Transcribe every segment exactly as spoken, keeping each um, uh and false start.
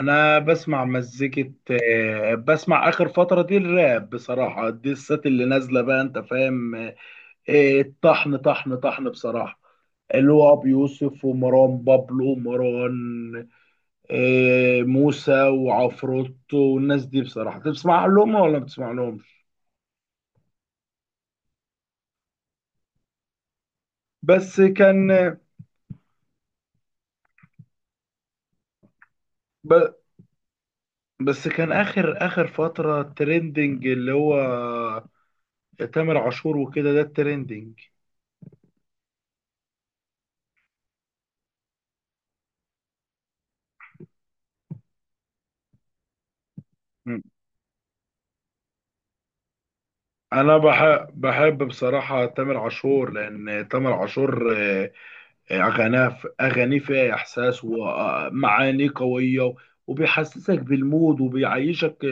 انا بسمع مزيكة. آه، بسمع اخر فترة دي الراب بصراحة، دي السات اللي نازلة بقى انت فاهم. آه، طحن طحن طحن بصراحة، اللي هو ابو يوسف ومروان بابلو ومروان. آه، موسى وعفروتو والناس دي، بصراحة بتسمع لهم ولا ما بتسمع لهمش؟ بس كان ب... بس كان اخر اخر فترة ترندنج، اللي هو تامر عاشور وكده، ده الترندنج. انا بحب بحب بصراحه تامر عاشور، لان تامر عاشور آه، آه، اغانيه ف- اغانيه فيها احساس ومعاني قويه، وبيحسسك بالمود وبيعيشك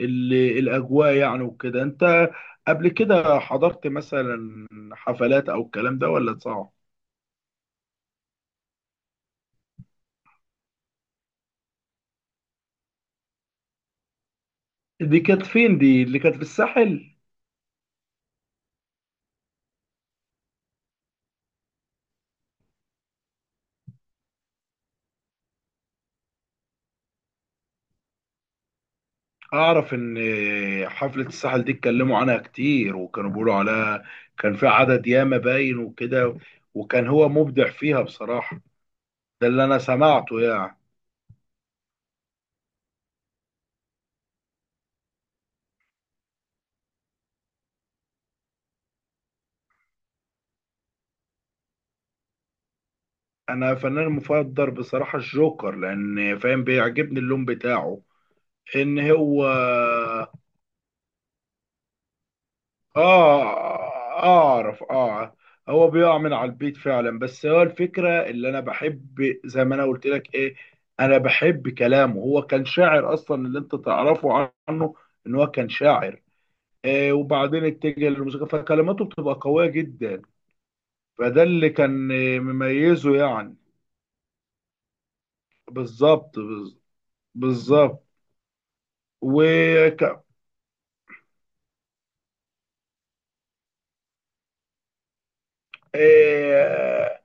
ال- الاجواء يعني وكده. انت قبل كده حضرت مثلا حفلات او الكلام ده، ولا صعب؟ دي كانت فين؟ دي اللي كانت في الساحل. اعرف ان حفلة الساحل دي اتكلموا عنها كتير، وكانوا بيقولوا عليها كان في عدد ياما باين وكده، وكان هو مبدع فيها بصراحة. ده اللي انا سمعته يعني. انا فنان مفضل بصراحة الجوكر، لان فاهم بيعجبني اللون بتاعه ان هو. اه اعرف اه. هو بيقع من على البيت فعلا، بس هو الفكره اللي انا بحب زي ما انا قلت لك ايه، انا بحب كلامه. هو كان شاعر اصلا، اللي انت تعرفه عنه ان هو كان شاعر. آه وبعدين اتجه للموسيقى، فكلماته بتبقى قويه جدا، فده اللي كان آه، مميزه يعني. بالظبط بز- بالظبط و ك- آه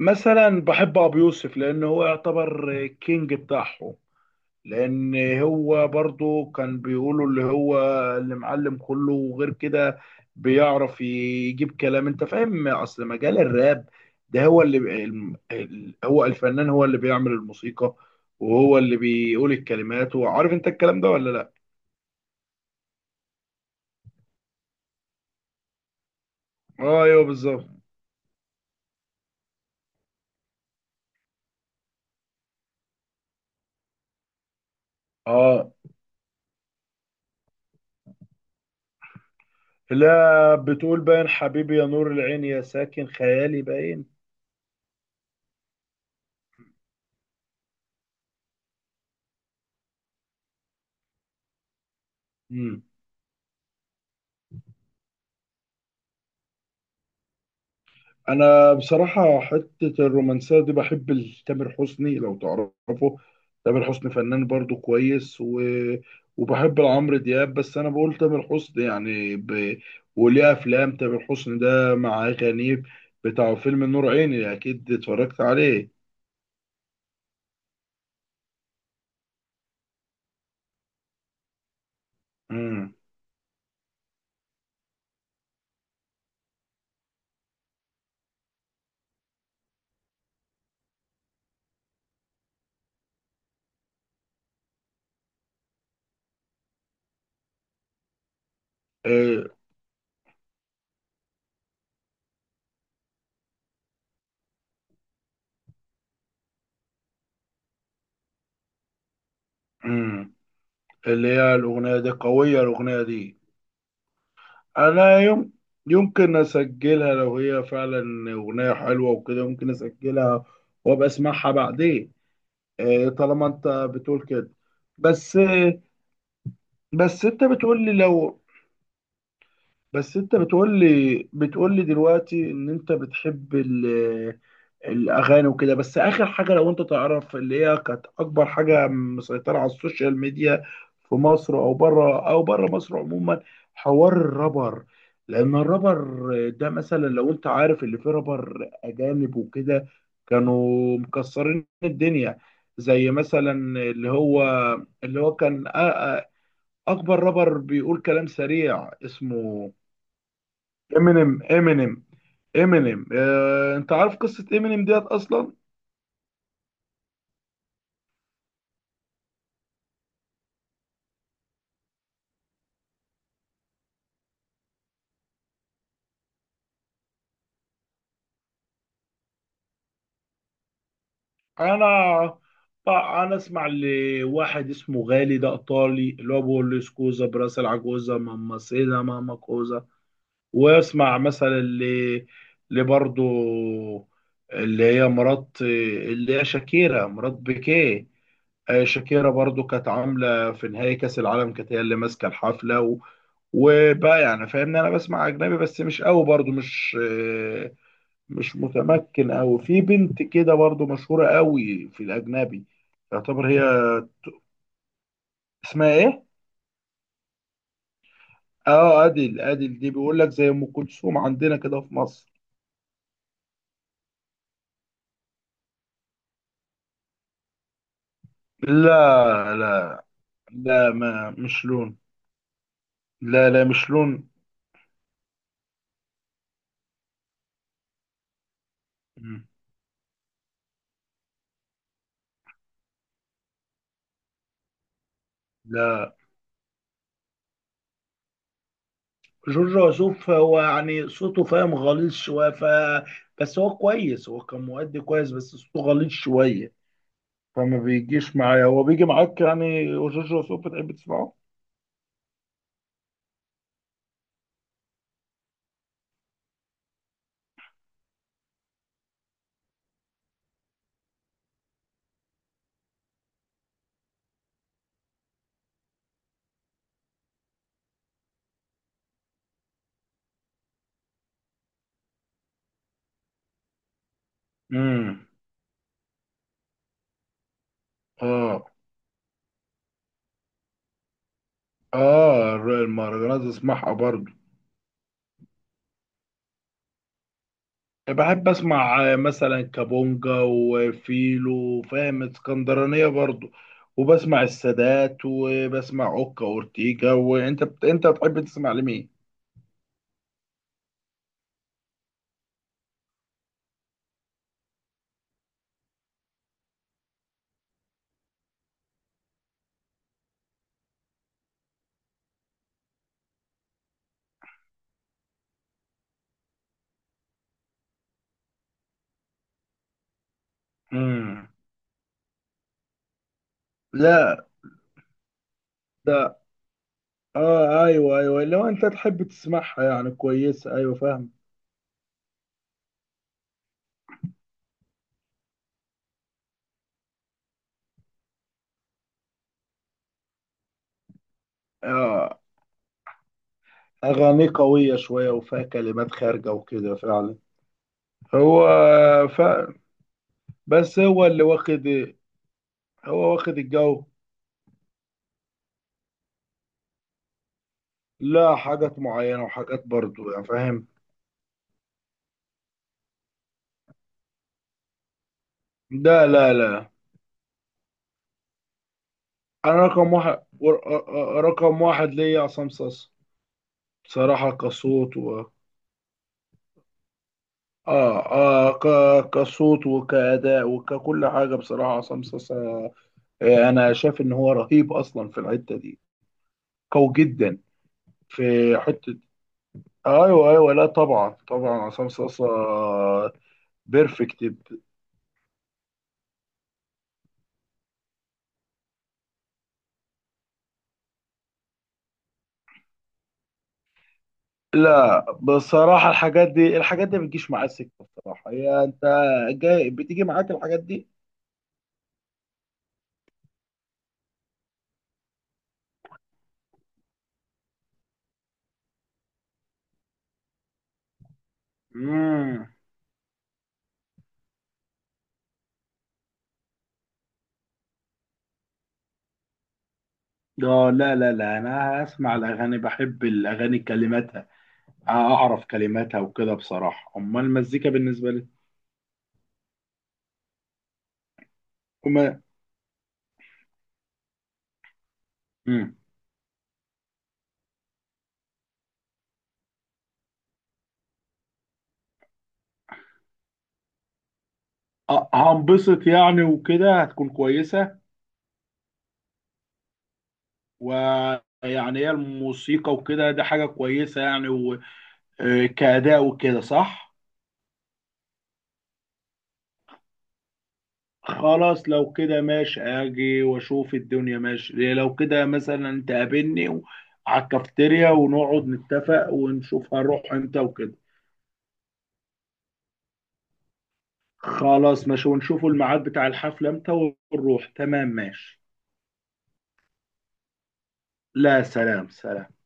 مثلا بحب ابو يوسف، لان هو يعتبر آه، كينج بتاعهم، لان هو برضو كان بيقولوا اللي هو اللي معلم كله وغير كده. بيعرف يجيب كلام، انت فاهم، اصل مجال الراب ده، هو اللي بي- الم- ال- هو الفنان، هو اللي بيعمل الموسيقى، وهو اللي بيقول الكلمات، وعارف انت الكلام ده ولا لا؟ اه، ايوه، بالظبط. اه، لا، بتقول باين حبيبي يا نور العين، يا ساكن خيالي باين. انا بصراحه حته الرومانسيه دي بحب ال- تامر حسني لو تعرفه. تامر حسني فنان برضو كويس، و... وبحب عمرو دياب، بس انا بقول تامر حسني يعني ب... وليه افلام تامر حسني ده مع غنيب، بتاع فيلم نور عيني، اكيد اتفرجت عليه. امم. إيه. امم. اللي هي الاغنيه دي قويه، الاغنيه دي. انا يم... يمكن اسجلها لو هي فعلا اغنيه حلوه وكده، ممكن اسجلها وابقى اسمعها بعدين. آه، طالما انت بتقول كده. بس آه، بس انت بتقول لي لو بس انت بتقول لي بتقول لي دلوقتي ان انت بتحب الاغاني وكده، بس اخر حاجه لو انت تعرف اللي هي كانت اكبر حاجه مسيطره على السوشيال ميديا في مصر او بره او بره مصر عموما، حوار الرابر. لان الرابر ده مثلا، لو انت عارف اللي فيه رابر اجانب وكده، كانوا مكسرين الدنيا، زي مثلا اللي هو اللي هو كان أ- أ- اكبر رابر بيقول كلام سريع اسمه امينيم. امينيم امينيم. آه، انت عارف قصة امينيم ديت اصلا؟ انا بقى انا اسمع لواحد اسمه غالي، ده ايطالي، اللي هو بيقول لي سكوزا براسل عجوزا ماما سيدا ماما كوزا. واسمع مثلا اللي اللي برضو اللي هي مرات، اللي هي شاكيرا مرات بيكيه. آه، شاكيرا برضو كانت عامله في نهائي كاس العالم، كانت هي اللي ماسكه الحفله و... وبقى يعني فاهمني، انا بسمع اجنبي بس مش قوي برضو، مش مش متمكن أوي. في بنت كده برضو مشهورة أوي في الأجنبي، تعتبر هي، اسمها إيه؟ آه أديل. أديل دي بيقول لك زي أم كلثوم عندنا كده في مصر. لا، لا، لا، ما مش لون. لا، لا، مش لون. مم. لا. جورج وسوف هو يعني صوته فاهم غليظ شوية ف... بس هو كويس، هو كان مؤدي كويس، بس صوته غليظ شوية، فما بيجيش معايا. هو بيجي معاك يعني جورج وسوف، بتحب تسمعه؟ امم. اه، اه، المهرجانات اسمعها برضو. بحب اسمع آه، مثلا كابونجا وفيلو، فاهم اسكندرانية برضو، وبسمع السادات، وبسمع اوكا اورتيجا. وانت بت... انت تحب تسمع لمين؟ امم. لا. ده اه، ايوه، ايوه، لو انت تحب تسمعها يعني كويسة، ايوه فاهم. اه، اغاني قوية شوية وفيها كلمات خارجة وكده فعلا. هو ف... بس هو اللي واخد، هو واخد الجو. لا، حاجات معينة وحاجات برضو يعني فاهم. ده لا لا. انا رقم واحد ور- آه، آه، رقم واحد ليا عصام صاصا. بصراحة كصوت و اه اه ك... كصوت وكأداء وككل حاجة بصراحة عصام صاصا. آه، انا شايف ان هو رهيب اصلا في الحتة دي قوي جدا. في حتة ايوه، ايوه، لا، طبعا، طبعا، عصام صاصا. بيرفكت. لا، بصراحة الحاجات دي الحاجات دي ما بتجيش معايا سكة. بصراحة هي انت جاي بتيجي معاك الحاجات دي؟ امم. اه، لا، لا، لا، انا اسمع الاغاني، بحب الاغاني كلماتها، اعرف كلماتها وكده بصراحة، امال المزيكا بالنسبة لي؟ وما امم. أه، هنبسط يعني وكده هتكون كويسة. ويعني هي الموسيقى وكده ده حاجة كويسة يعني، وكأداء وكده، صح؟ خلاص، لو كده ماشي، اجي واشوف الدنيا. ماشي لو كده، مثلا تقابلني على الكافتيريا ونقعد نتفق، ونشوف هنروح امتى وكده. خلاص، ماشي، ونشوف الميعاد بتاع الحفلة امتى ونروح، تمام، ماشي. لا، سلام، سلام.